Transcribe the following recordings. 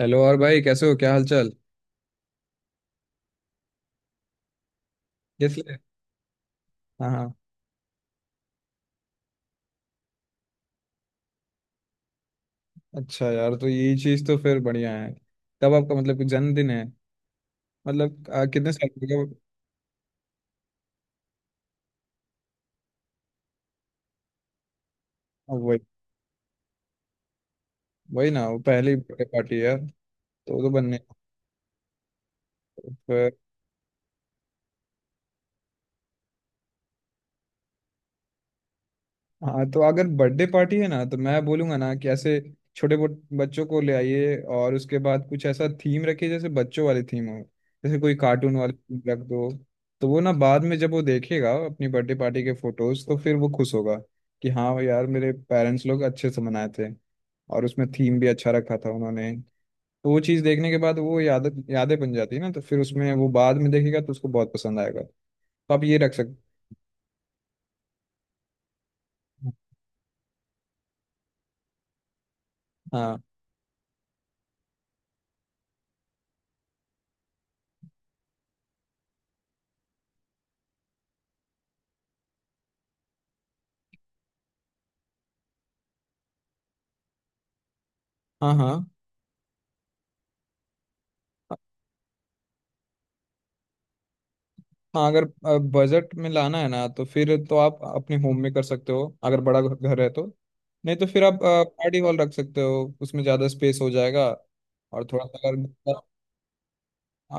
Hello. और भाई, कैसे हो? क्या हाल चाल? किस लिए? हाँ, हाँ। अच्छा यार, तो यही चीज़ तो फिर बढ़िया है। कब आपका मतलब कुछ जन्मदिन है? मतलब कितने साल का हो गया? हाँ, वही। वही ना, वो पहली बर्थडे पार्टी है। तो बनने फिर। हाँ, तो अगर बर्थडे पार्टी है ना, तो मैं बोलूंगा ना कि ऐसे छोटे बच्चों को ले आइए, और उसके बाद कुछ ऐसा थीम रखिए जैसे बच्चों वाली थीम हो। जैसे कोई कार्टून वाली थीम रख दो। तो वो ना बाद में जब वो देखेगा अपनी बर्थडे पार्टी के फोटोज, तो फिर वो खुश होगा कि हाँ यार, मेरे पेरेंट्स लोग अच्छे से मनाए थे, और उसमें थीम भी अच्छा रखा था उन्होंने। तो वो चीज़ देखने के बाद वो यादें बन जाती है ना, तो फिर उसमें वो बाद में देखेगा तो उसको बहुत पसंद आएगा। तो आप ये रख सकते। हाँ, हाँ, हाँ, हाँ। अगर बजट में लाना है ना, तो फिर तो आप अपने होम में कर सकते हो, अगर बड़ा घर है तो। नहीं तो फिर आप पार्टी हॉल रख सकते हो, उसमें ज़्यादा स्पेस हो जाएगा। और थोड़ा सा अगर मतलब,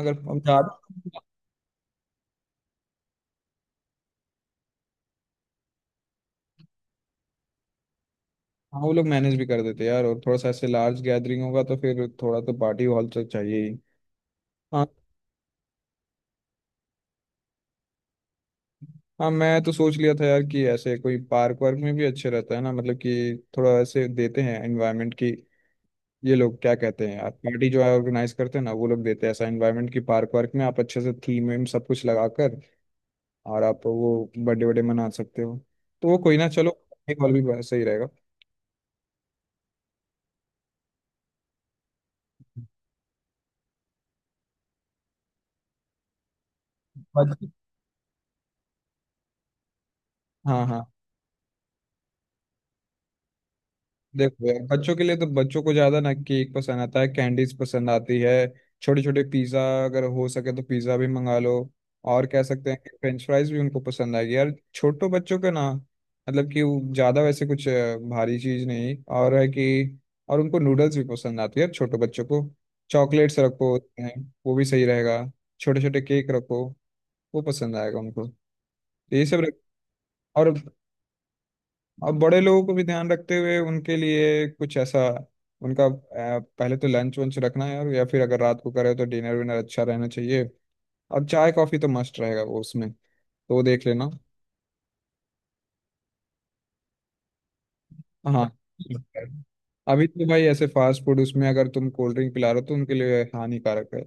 अगर हम ज़्यादा। हाँ, वो लोग मैनेज भी कर देते हैं यार, और थोड़ा सा ऐसे लार्ज गैदरिंग होगा तो फिर थोड़ा तो पार्टी हॉल तो चाहिए ही। हाँ, हाँ। मैं तो सोच लिया था यार कि ऐसे कोई पार्क वार्क में भी अच्छे रहता है ना, मतलब कि थोड़ा ऐसे देते हैं एनवायरनमेंट की। ये लोग क्या कहते हैं यार, पार्टी जो है ऑर्गेनाइज करते हैं ना, वो लोग देते हैं ऐसा एनवायरनमेंट कि पार्क वार्क में आप अच्छे से थीम वीम सब कुछ लगाकर और आप वो बर्थडे बर्थडे मना सकते हो। तो वो कोई ना, चलो। एक और भी सही रहेगा। बस- हाँ, हाँ। देखो यार, बच्चों के लिए तो बच्चों को ज्यादा ना केक पसंद आता है, कैंडीज पसंद आती है। छोटे छोटे पिज्जा, अगर हो सके तो पिज्जा भी मंगा लो। और कह सकते हैं कि फ्रेंच फ्राइज भी उनको पसंद आएगी यार, छोटे बच्चों का ना मतलब कि वो ज्यादा वैसे कुछ भारी चीज नहीं और है कि। और उनको नूडल्स भी पसंद आती है छोटे बच्चों को। चॉकलेट्स रखो उसमें, वो भी सही रहेगा। छोटे छोटे केक रखो, वो पसंद आएगा उनको। तो ये सब रख। और अब बड़े लोगों को भी ध्यान रखते हुए उनके लिए कुछ ऐसा, उनका पहले तो लंच वंच रखना है, और या फिर अगर रात को करे तो डिनर विनर अच्छा रहना चाहिए। और चाय कॉफी तो मस्ट रहेगा वो उसमें तो, वो देख लेना। हाँ। अभी तो भाई ऐसे फास्ट फूड, उसमें अगर तुम कोल्ड ड्रिंक पिला रहे हो तो उनके लिए हानिकारक है।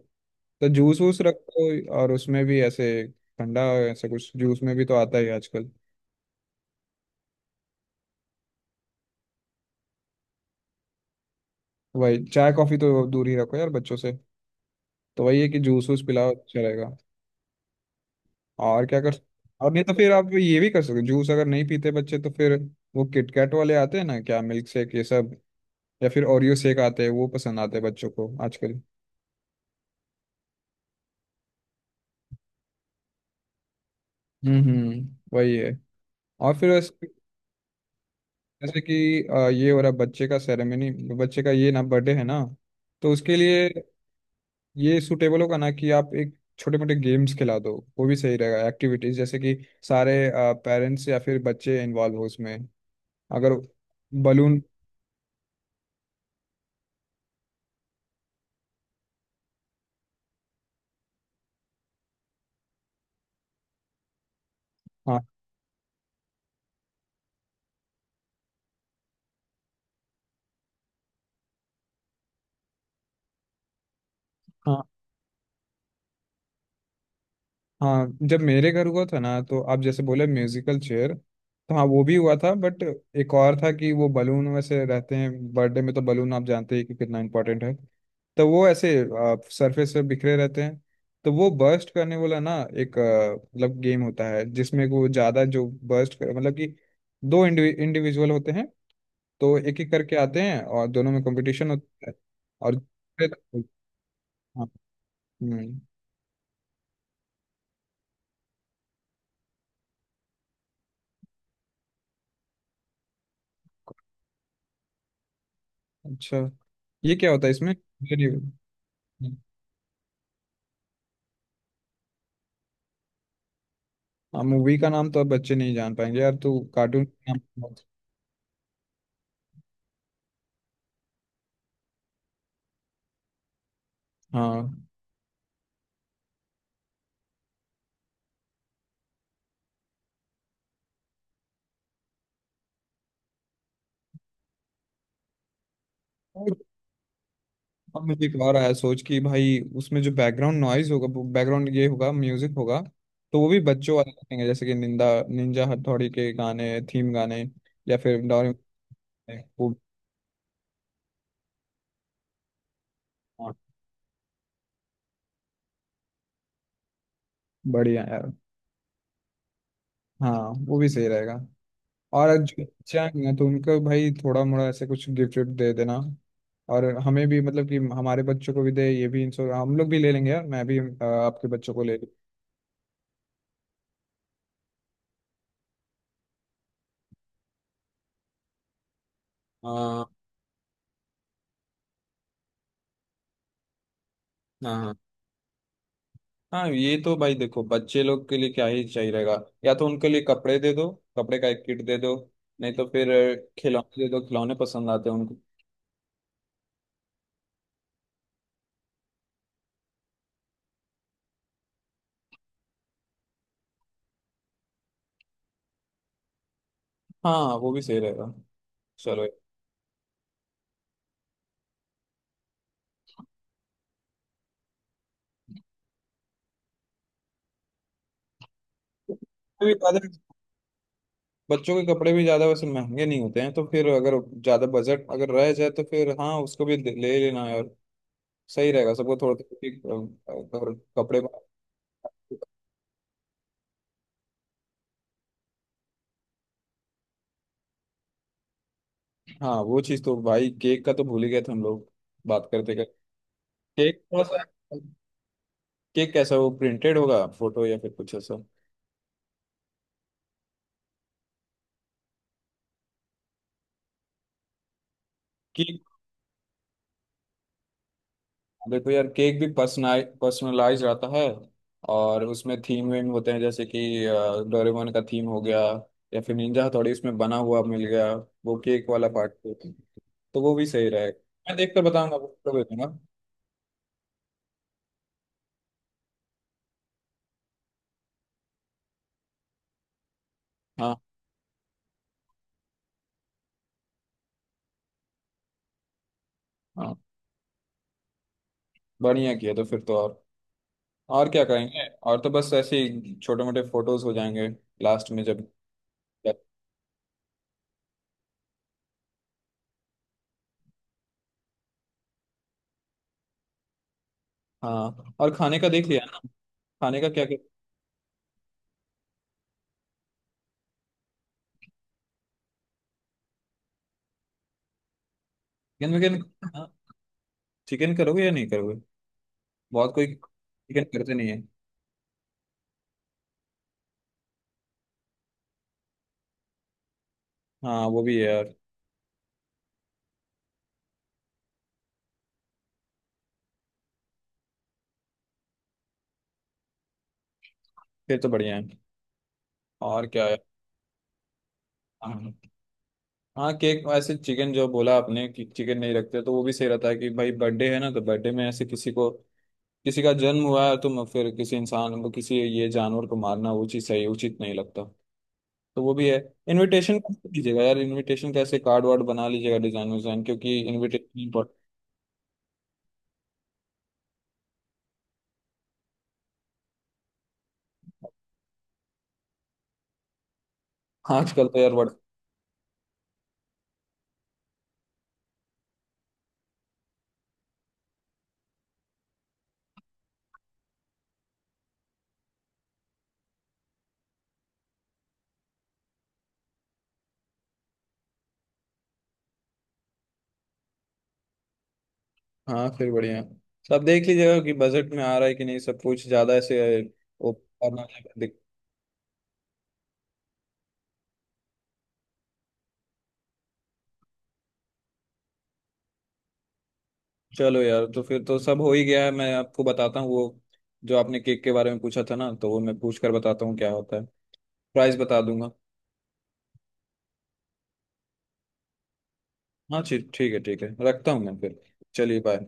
तो जूस वूस रखो, और उसमें भी ऐसे ठंडा, ऐसा कुछ जूस में भी तो आता ही है आजकल। वही चाय कॉफी तो दूर ही रखो यार बच्चों से। तो वही है कि जूस वूस पिलाओ, अच्छा रहेगा। और क्या कर सक-। और नहीं तो फिर आप ये भी कर सकते हो, जूस अगर नहीं पीते बच्चे तो फिर वो किटकैट वाले आते हैं ना क्या, मिल्क शेक ये सब। या फिर ओरियो शेक आते हैं, वो पसंद आते हैं बच्चों को आजकल। हम्म, हम्म। वही है। और फिर ऐसे, जैसे कि ये हो रहा है बच्चे का सेरेमनी, बच्चे का ये ना बर्थडे है ना, तो उसके लिए ये सूटेबल होगा ना कि आप एक छोटे मोटे गेम्स खिला दो, वो भी सही रहेगा। एक्टिविटीज जैसे कि सारे पेरेंट्स या फिर बच्चे इन्वॉल्व हो उसमें, अगर बलून। हाँ, हाँ। हाँ, जब मेरे घर हुआ था ना, तो आप जैसे बोले म्यूजिकल चेयर, तो हाँ, वो भी हुआ था, बट एक और था कि वो बलून वैसे रहते हैं बर्थडे में, तो बलून आप जानते ही कि कितना इंपॉर्टेंट है। तो वो ऐसे सरफेस पे बिखरे रहते हैं। तो वो बर्स्ट करने वाला ना, एक मतलब गेम होता है, जिसमें वो ज़्यादा जो बर्स्ट कर, मतलब कि दो इंडिविजुअल होते हैं, तो एक एक करके आते हैं और दोनों में कंपटीशन होता है। और हाँ। हम्म, अच्छा। ये क्या होता है इसमें? हाँ, मूवी का नाम तो अब बच्चे नहीं जान पाएंगे यार, तू कार्टून का नाम मत-। हाँ। और अब मुझे एक और आया सोच कि भाई, उसमें जो बैकग्राउंड नॉइज होगा, बैकग्राउंड ये होगा म्यूजिक होगा, तो वो भी बच्चों वाले रखेंगे जैसे कि निंदा निंजा हथौड़ी के गाने, थीम गाने, या फिर डोरेमोन के, वो। हाँ, बढ़िया यार। हाँ, वो भी सही रहेगा। और जो बच्चे आएंगे ना, तो उनको भाई थोड़ा मोड़ा ऐसे कुछ गिफ्ट विफ्ट दे देना, और हमें भी मतलब कि हमारे बच्चों को भी दे, ये भी इंश्योर हम लोग भी ले लेंगे यार, मैं भी आपके बच्चों को ले। हाँ, हाँ, हाँ, हाँ, ये तो भाई देखो, बच्चे लोग के लिए क्या ही चाहिए रहेगा। या तो उनके लिए कपड़े दे दो, कपड़े का एक किट दे दो, नहीं तो फिर खिलौने दे दो, खिलौने पसंद आते हैं उनको। हाँ, वो भी सही रहेगा। चलो। तो भी ज्यादा बच्चों के कपड़े भी ज्यादा वैसे महंगे नहीं होते हैं, तो फिर अगर ज्यादा बजट अगर रह जाए तो फिर हाँ, उसको भी ले ले लेना यार। सही रहेगा सबको थोड़ा थोड़ा, अगर कपड़े। हाँ, वो चीज़ तो भाई, केक का तो भूल ही गए थे हम लोग बात करते करते। केक थोड़ा सा, केक कैसा, वो प्रिंटेड होगा फोटो या फिर कुछ ऐसा, केक? देखो यार, केक भी पर्सनलाइज रहता है, और उसमें थीम वीम होते हैं, जैसे कि डोरेमोन का थीम हो गया, या फिर निंजा हथौड़ी उसमें बना हुआ मिल गया, वो केक वाला पार्ट। तो वो भी सही रहेगा। मैं देख कर बताऊंगा, आपको भेजूंगा। हाँ, हाँ, बढ़िया किया। तो फिर तो, और क्या करेंगे, और तो बस ऐसे ही छोटे मोटे फोटोज हो जाएंगे लास्ट में जब। हाँ, और खाने का देख लिया ना? खाने का क्या? क्या चिकन करोगे या नहीं करोगे? बहुत कोई चिकन करते नहीं है। हाँ, वो भी है यार। फिर तो बढ़िया है। और क्या है? हाँ, हाँ, केक ऐसे। चिकन जो बोला आपने कि चिकन नहीं रखते, तो वो भी सही रहता है कि भाई बर्थडे है ना, तो बर्थडे में ऐसे किसी को, किसी का जन्म हुआ है तो फिर किसी इंसान को, किसी ये जानवर को मारना वो चीज़ सही उचित नहीं लगता। तो वो भी है। इनविटेशन लीजिएगा यार, इनविटेशन कैसे, कार्ड वार्ड बना लीजिएगा, डिजाइन विजाइन, क्योंकि इनविटेशन आजकल तो यार। हाँ, फिर बढ़िया। सब देख लीजिएगा कि बजट में आ रहा है कि नहीं, सब कुछ ज्यादा ऐसे वो करना नहीं दिक-। चलो यार, तो फिर तो सब हो ही गया है। मैं आपको बताता हूँ वो, जो आपने केक के बारे में पूछा था ना, तो वो मैं पूछ कर बताता हूँ क्या होता है, प्राइस बता दूंगा। हाँ, ठीक, ठीक है, ठीक है, रखता हूँ मैं फिर। चलिए, बाय।